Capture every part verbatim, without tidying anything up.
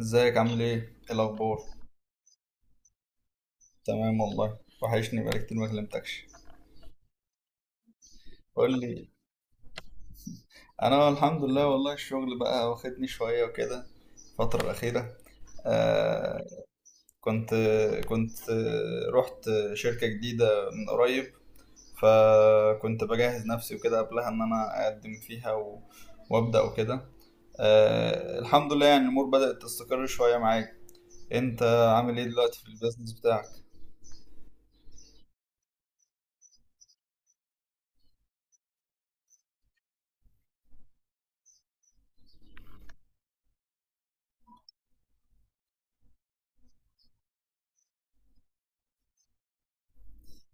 ازيك عامل ايه؟ ايه الاخبار؟ تمام والله وحشني بقالي كتير ما كلمتكش. قول لي. انا الحمد لله والله الشغل بقى واخدني شويه وكده الفتره الاخيره. آه. كنت كنت آه، رحت شركه جديده من قريب، فكنت بجهز نفسي وكده قبلها ان انا اقدم فيها و... وابدا وكده. آه، الحمد لله، يعني الامور بدات تستقر شويه معاك. انت عامل ايه دلوقتي في البيزنس بتاعك؟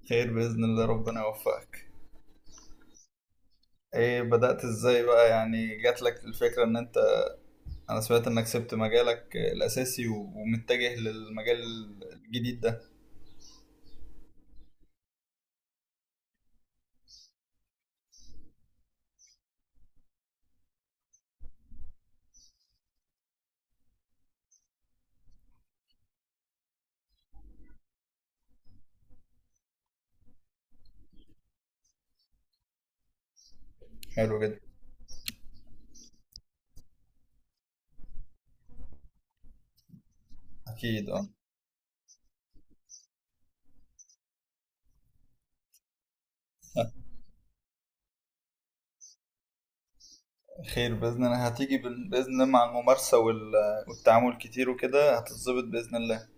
خير باذن الله، ربنا يوفقك. ايه بدأت ازاي بقى؟ يعني جات لك الفكرة ان انت، انا سمعت انك سبت مجالك الاساسي و- ومتجه للمجال الجديد ده. حلو جدا. اكيد، اه. خير باذن الله، هتيجي بال- باذن الله، مع الممارسة وال- والتعامل كتير وكده هتتظبط باذن الله.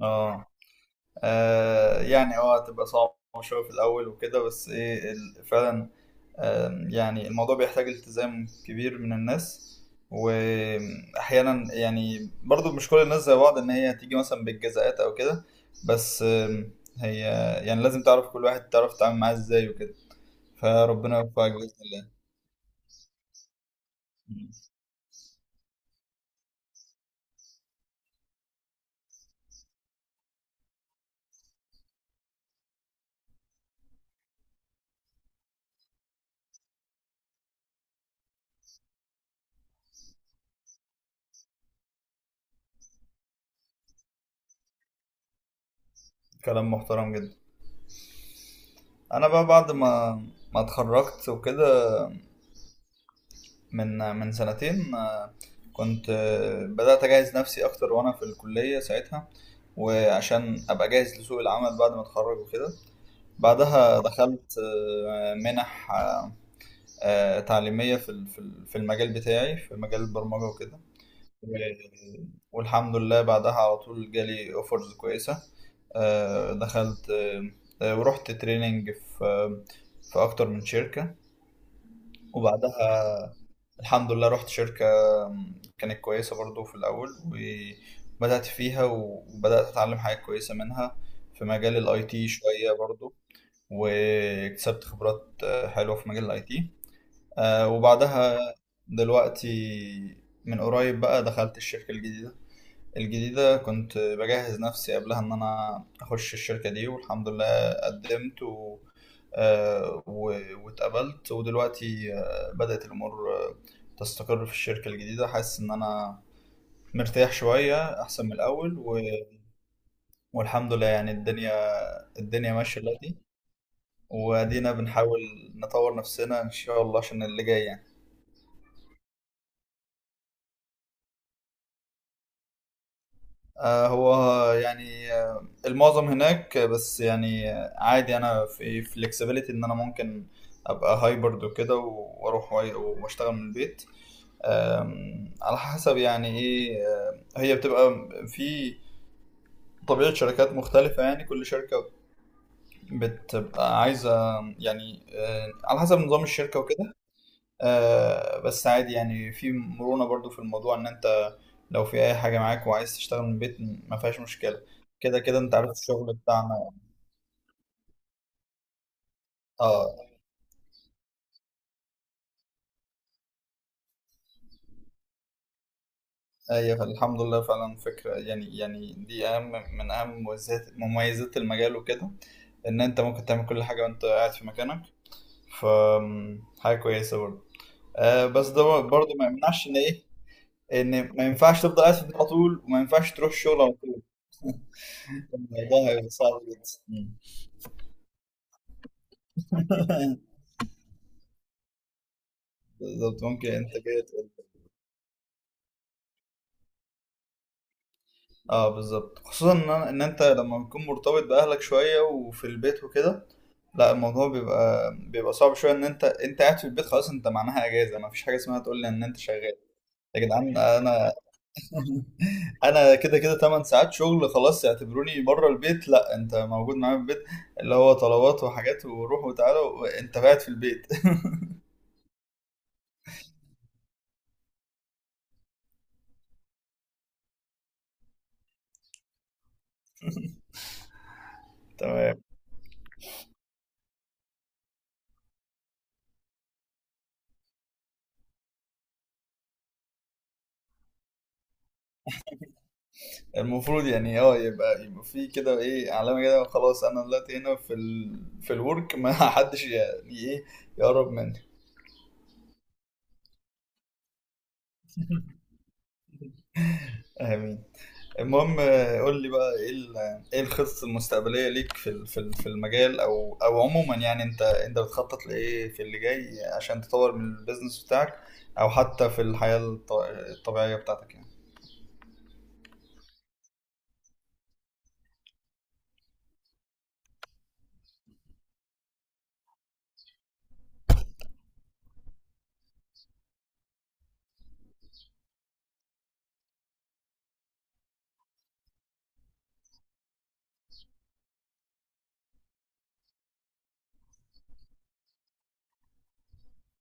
اه. آه، يعني اه، هتبقى صعبة شوية في الأول وكده، بس ايه ال- فعلا. آم، يعني الموضوع بيحتاج التزام كبير من الناس، وأحيانا يعني برضو مش كل الناس زي بعض، إن هي هتيجي مثلا بالجزاءات أو كده. بس آم، هي، يعني لازم تعرف كل واحد تعرف تتعامل معاه إزاي وكده. فربنا يوفقك بإذن الله. مم. كلام محترم جدا. أنا بقى بعد ما ما اتخرجت وكده، من من سنتين، آه، كنت آه، بدأت أجهز نفسي أكتر وأنا في الكلية ساعتها، وعشان أبقى جاهز لسوق العمل بعد ما أتخرج وكده. بعدها دخلت آه، منح، آه، آه، تعليمية في ال- في ال- في المجال بتاعي، في مجال البرمجة وكده. و- والحمد لله بعدها على طول جالي أوفرز كويسة. آه، دخلت، آه، آه، ورحت تريننج في آه، في أكتر من شركة. وبعدها الحمد لله رحت شركة كانت كويسة برضو في الأول، وبدأت فيها وبدأت أتعلم حاجات كويسة منها في مجال الاي تي شوية برضو. واكتسبت خبرات آه، حلوة في مجال الاي تي. وبعدها دلوقتي من قريب بقى دخلت الشركة الجديدة. الجديدة كنت بجهز نفسي قبلها إن أنا أخش الشركة دي، والحمد لله قدمت و... آه، و- واتقبلت. ودلوقتي آه، بدأت الأمور آه، تستقر في الشركة الجديدة. حاسس إن أنا مرتاح شوية أحسن من الأول و... والحمد لله، يعني الدنيا الدنيا ماشية دلوقتي، وأدينا بنحاول نطور نفسنا إن شاء الله عشان اللي جاي يعني. آه، هو يعني آه، المعظم هناك، آه، بس يعني آه، عادي، انا في فليكسيبيليتي ان انا ممكن ابقى هايبرد وكده و- واروح وأي- واشتغل من البيت. آم، على حسب يعني ايه، آه، هي بتبقى في طبيعة شركات مختلفة، يعني كل شركة بتبقى عايزة يعني آه، على حسب نظام الشركة وكده. آه، بس عادي يعني، في مرونة برضو في الموضوع، ان انت لو في اي حاجة معاك وعايز تشتغل من البيت ما فيهاش مشكلة. كده كده انت عارف الشغل بتاعنا. اه. ايوه الحمد لله، فعلا فكرة يعني يعني دي اهم من اهم مميزات مميزات المجال وكده، ان انت ممكن تعمل كل حاجة وانت قاعد في مكانك. ف حاجة كويسة برضو. آه بس ده برضو ما يمنعش ان ايه، ان ما ينفعش تفضل قاعد في البيت على طول، وما ينفعش تروح الشغل على طول الموضوع هيبقى صعب جدا. بالظبط، ممكن انتاجية تقل. اه بالظبط، خصوصا ان أنا- ان انت لما بتكون مرتبط باهلك شويه وفي البيت وكده، لا الموضوع بيبقى بيبقى صعب شويه. ان انت، انت قاعد في البيت خلاص، انت معناها اجازه، ما فيش حاجه اسمها تقول لي ان انت شغال. يا جدعان انا انا كده كده 8 ساعات شغل خلاص، اعتبروني بره البيت. لا انت موجود معايا في البيت، اللي هو طلبات وحاجات وروح وتعالى وانت قاعد في البيت. تمام. المفروض يعني اه، يبقى يبقى في كده ايه، علامة كده، خلاص انا دلوقتي هنا في ال... في الورك، ما حدش يعني ايه يقرب مني. امين. المهم آه، قول لي بقى، ايه ال... ايه الخطط المستقبلية ليك في ال- في ال- في المجال، او او عموما، يعني انت، انت بتخطط لايه في اللي جاي عشان تطور من البيزنس بتاعك، او حتى في الحياة الط... الطبيعية بتاعتك يعني.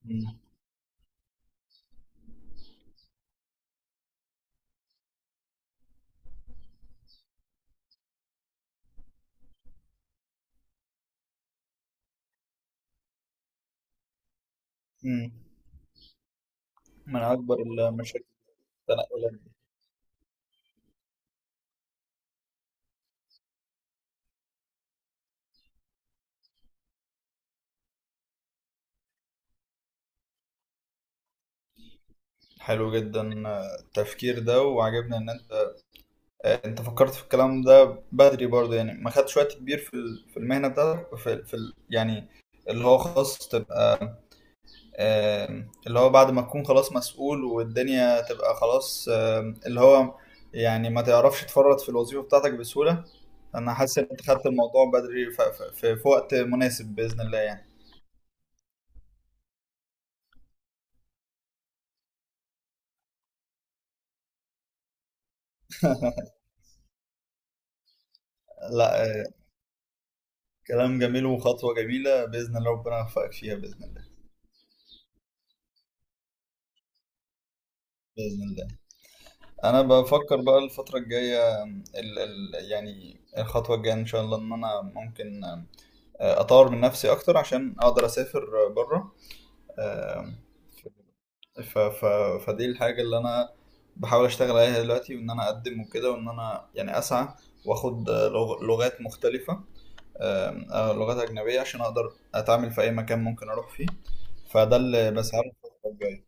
مم. مم. من اكبر المشاكل التنقلات. حلو جدا آه، التفكير ده، وعجبني ان انت، انت فكرت في الكلام ده بدري برضه، يعني ما خدتش وقت كبير في ال- في المهنه بتاعتك، في, في ال- يعني اللي هو خلاص تبقى، آم، اللي هو بعد ما تكون خلاص مسؤول والدنيا تبقى خلاص، آم، اللي هو يعني ما تعرفش تفرط في الوظيفه بتاعتك بسهوله. انا حاسس ان انت خدت الموضوع بدري، ف- ف- في, في وقت مناسب باذن الله يعني. لا آه، كلام جميل وخطوه جميله باذن الله، ربنا يوفقك فيها باذن الله. باذن الله. انا بفكر بقى الفتره الجايه، ال ال يعني الخطوه الجايه ان شاء الله ان انا ممكن آه، اطور من نفسي اكتر عشان اقدر اسافر بره. ف ف فدي الحاجه اللي انا بحاول اشتغل عليها دلوقتي، وان انا اقدم وكده، وان انا يعني اسعى، واخد آه، لغ- لغات مختلفه، آم، آه، لغات اجنبيه عشان اقدر اتعامل في اي مكان ممكن اروح فيه. فده اللي بسعى له الفتره الجايه.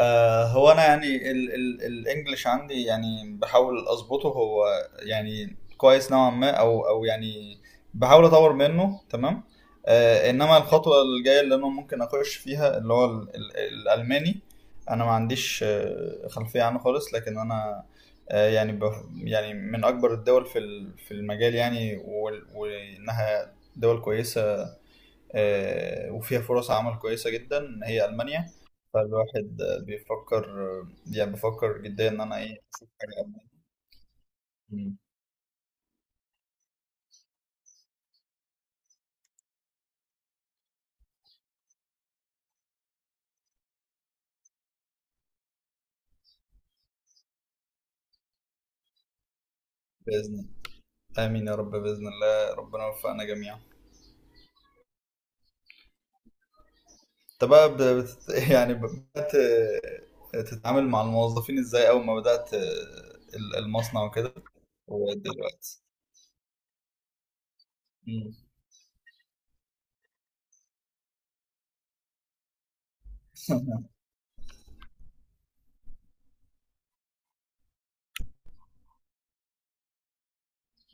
آه هو انا يعني ال- ال- الانجليش عندي، يعني بحاول اظبطه، هو يعني كويس نوعا ما، او او يعني بحاول اطور منه، تمام. آه انما الخطوه الجايه اللي انا ممكن اخش فيها اللي هو ال- ال- الالماني. انا ما عنديش آه، خلفيه عنه خالص، لكن انا آه، يعني بف- يعني من اكبر الدول في ال- في المجال يعني، وال- وانها دول كويسه آه، وفيها فرص عمل كويسة جدا، هي ألمانيا. فالواحد آه، بيفكر آه، يعني بفكر جديا إن أنا إيه أشوف حاجة ألمانيا. بإذن، آمين يا رب، بإذن الله ربنا يوفقنا جميعا. أنت بقى ب- بت... يعني بدأت آه، تتعامل مع الموظفين إزاي أول ما بدأت آه، ال- المصنع وكده ودلوقتي؟ مم.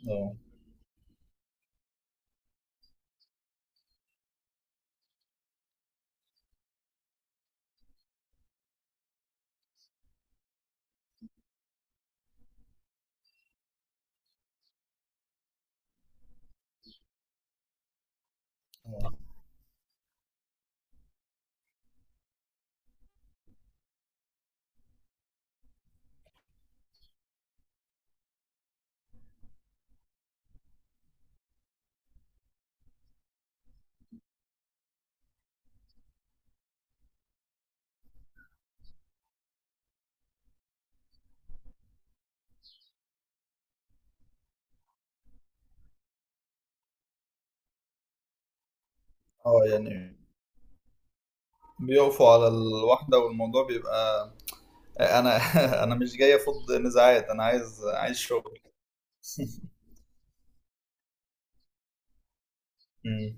اه. اه. آه، يعني بيقفوا على الواحدة والموضوع بيبقى، انا انا مش جاي افض نزاعات، انا عايز، عايز شغل. مم.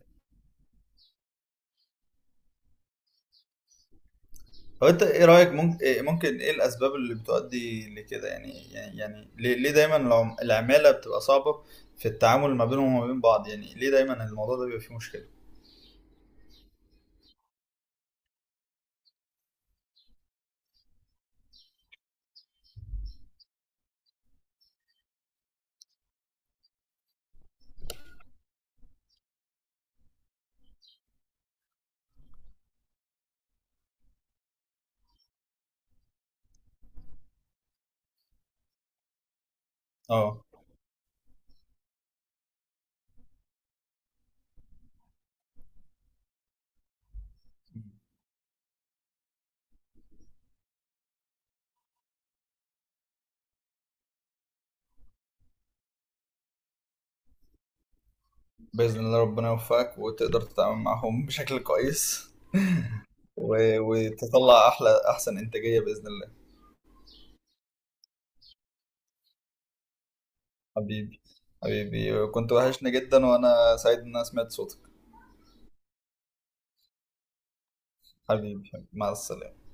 هو انت ايه رايك؟ ممكن إيه- ممكن ايه الاسباب اللي بتؤدي لكده؟ يعني، يعني يعني ليه، ليه دايما العم- العماله بتبقى صعبه في التعامل ما بينهم وما بين بعض؟ يعني ليه دايما الموضوع ده بيبقى فيه مشكله؟ اه. باذن الله ربنا يوفقك وتقدر تتعامل معهم بشكل كويس، و- وتطلع احلى، احسن انتاجيه باذن الله. حبيبي. حبيبي، كنت وحشني جدا وانا سعيد ان انا سمعت صوتك. حبيبي حبيبي. مع السلامه.